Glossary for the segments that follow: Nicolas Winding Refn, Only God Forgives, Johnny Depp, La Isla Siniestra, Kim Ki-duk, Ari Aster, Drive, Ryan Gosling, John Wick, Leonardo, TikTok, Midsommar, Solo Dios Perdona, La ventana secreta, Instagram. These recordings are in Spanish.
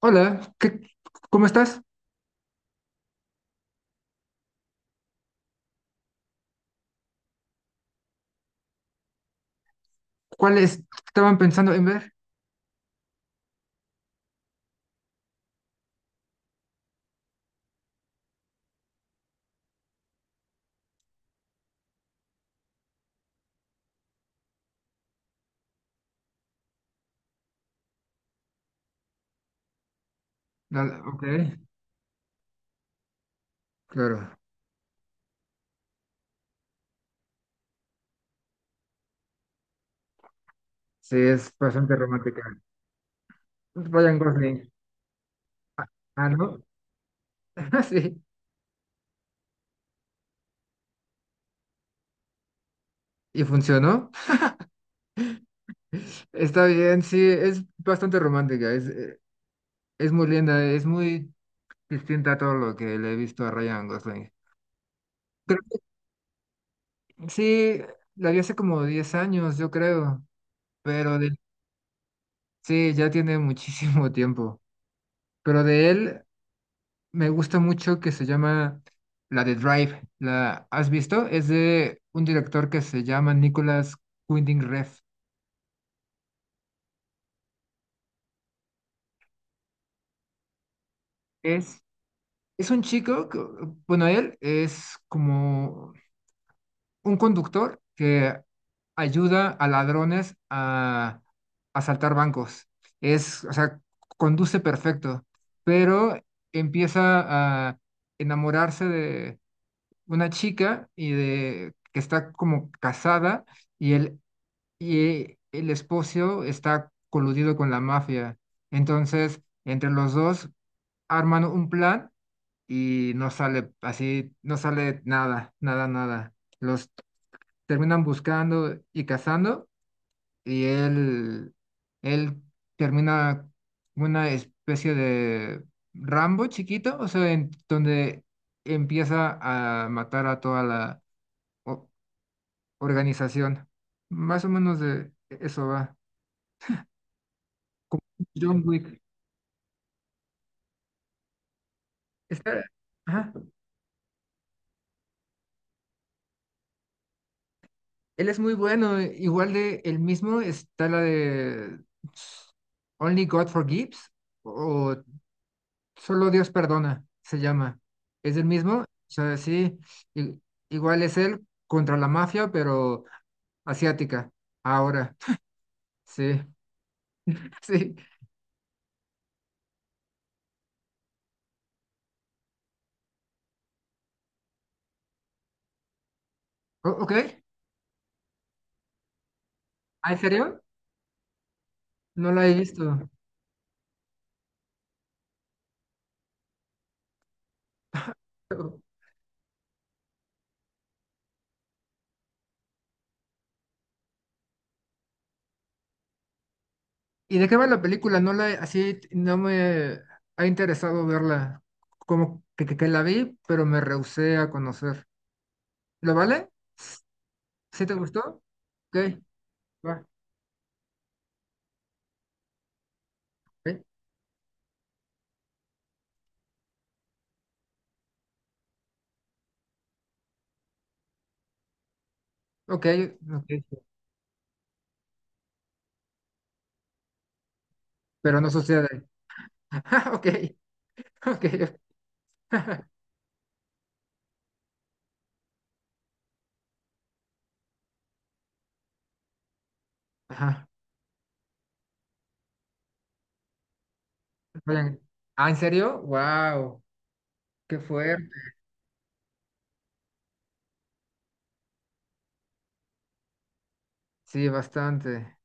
Hola, ¿cómo estás? ¿Cuáles estaban pensando en ver? Nada, ok, claro. Sí, es bastante romántica. Ryan Gosling. Ah, ¿no? Sí. ¿Y funcionó? Está bien, sí, es bastante romántica. Es muy linda, es muy distinta a todo lo que le he visto a Ryan Gosling. Creo que sí, la vi hace como 10 años, yo creo. Pero de, sí, ya tiene muchísimo tiempo. Pero de él. Me gusta mucho que se llama la de Drive. ¿La has visto? Es de un director que se llama Nicolas Winding Refn. Es, es un chico, bueno, él es como un conductor que ayuda a ladrones a asaltar bancos. Es, o sea, conduce perfecto, pero empieza a enamorarse de una chica y de que está como casada y él y el esposo está coludido con la mafia. Entonces, entre los dos arman un plan y no sale así, no sale nada, nada, nada. Los terminan buscando y cazando y él termina una especie de Rambo chiquito, o sea, en donde empieza a matar a toda la o- organización. Más o menos de eso va. John Wick. Está, ajá, él es muy bueno. Igual de el mismo está la de Only God Forgives o Solo Dios Perdona, se llama. Es el mismo, o sea, sí, i- igual es él contra la mafia, pero asiática. Ahora, sí, sí. Ok, ¿Ah, ¿en serio? No la he visto. ¿Y de qué va la película? No la, así no me ha interesado verla. Como que, que la vi, pero me rehusé a conocer. ¿Lo vale? ¿Sí te gustó? Ok, va, ok, ok, ok. Pero no sucede. Ok, ok. Ajá. Vayan. Ah, ¿en serio? Wow, qué fuerte. Sí, bastante.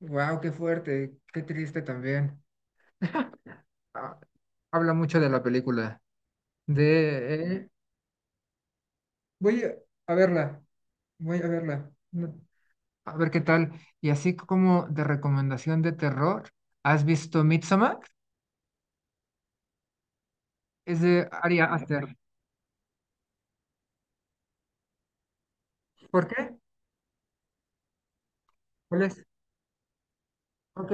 Wow, qué fuerte. Qué triste también. Ah, habla mucho de la película. De, voy a verla. Voy a verla. A ver qué tal. Y así como de recomendación de terror, ¿has visto Midsommar? Es de Ari Aster. ¿Por qué? ¿Cuál es? Ok.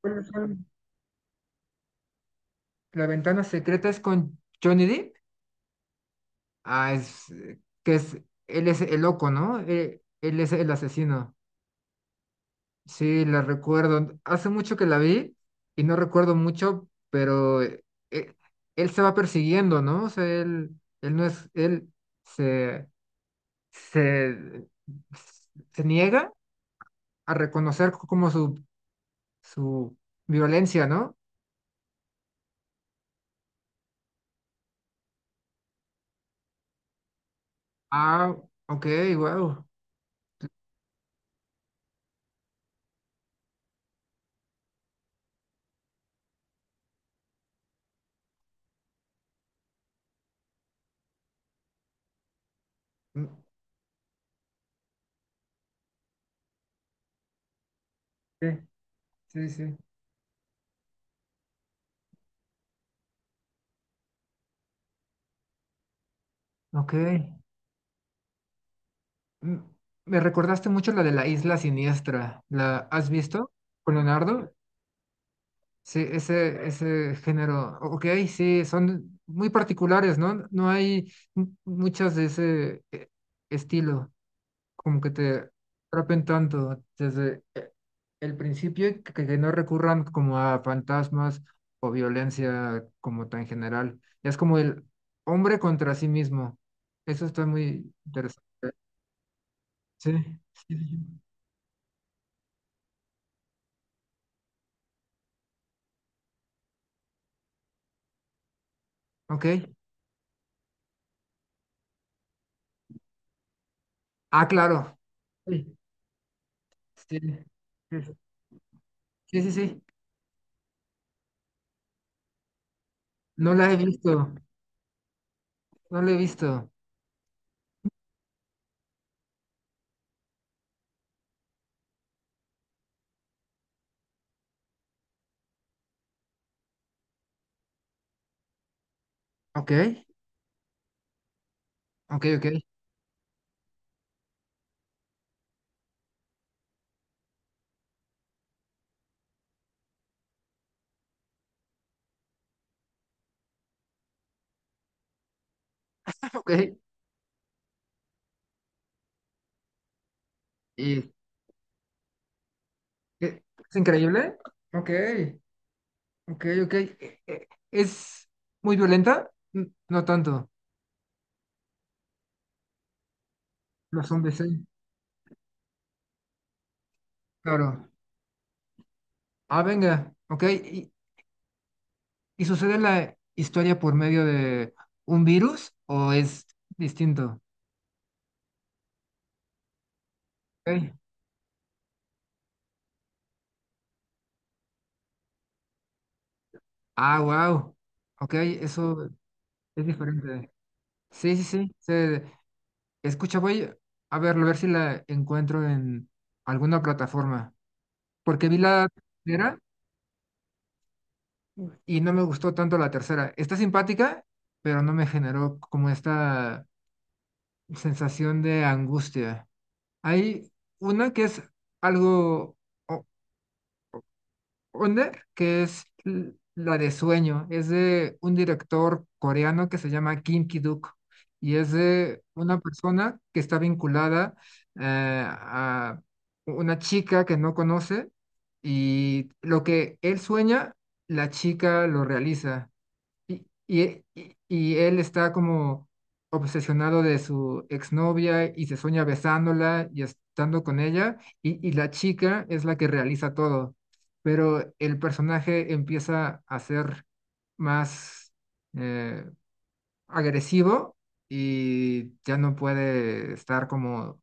¿Cuáles son? La ventana secreta es con Johnny Depp. Ah, es que es él es el loco, ¿no? Él es el asesino. Sí, la recuerdo. Hace mucho que la vi y no recuerdo mucho, pero eh, él se va persiguiendo, ¿no? O sea, él no es él se se, se niega a reconocer como su violencia, ¿no? Ah, ok, wow. Sí, sí, sí. Ok. Mm, me recordaste mucho la de la Isla Siniestra. ¿La has visto con Leonardo? Sí, ese género. Ok, sí, son muy particulares, ¿no? No hay muchas de ese estilo. Como que te atrapen tanto desde el principio y que no recurran como a fantasmas o violencia como tan general. Ya es como el hombre contra sí mismo. Eso está muy interesante. Sí, sí, sí. Sí. Ok. Ah, claro. Sí, sí, sí, sí, sí, sí. No la he visto, no la he visto. Ok, ok, ok, ok. ¿Y qué- es increíble? Ok. Ok, ok. ¿Es muy violenta? No tanto. Los hombres, sí. Claro. Ah, venga. Ok. Y sucede la historia por medio de un virus o es distinto? Ok. Ah, wow. Ok, eso es diferente. Sí, sí, sí. Se escucha, voy a verlo, a ver si la encuentro en alguna plataforma. Porque vi la primera y no me gustó tanto la tercera. Está simpática, pero no me generó como esta sensación de angustia. Hay una que es algo o- under, que es la de sueño. Es de un director coreano que se llama Kim Ki-duk y es de una persona que está vinculada a una chica que no conoce y lo que él sueña, la chica lo realiza. Y él está como obsesionado de su exnovia y se sueña besándola y estando con ella, y la chica es la que realiza todo, pero el personaje empieza a ser más eh, agresivo y ya no puede estar como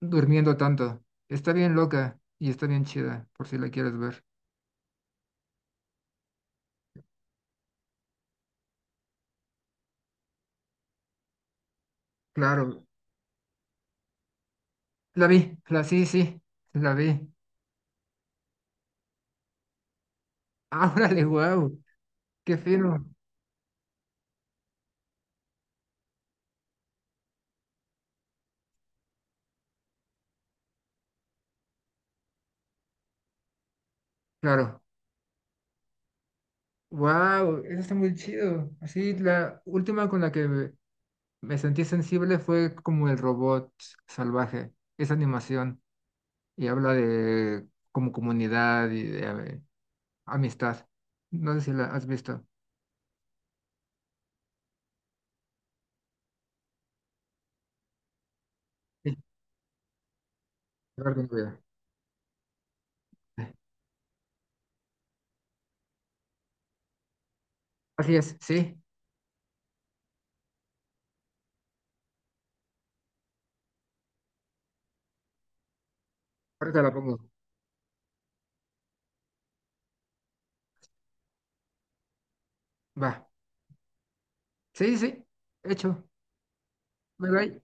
durmiendo tanto. Está bien loca y está bien chida, por si la quieres ver. Claro, la vi, la sí, sí, la vi. Ah, órale, guau. Qué fino, claro. Wow, eso está muy chido. Así, la última con la que me sentí sensible fue como el robot salvaje, esa animación, y habla de como comunidad y de eh, amistad. No sé si la has visto. Sí, la verdad que no. Así es, sí. Ahorita la pongo. Va. Sí, sí, hecho. Bye bye.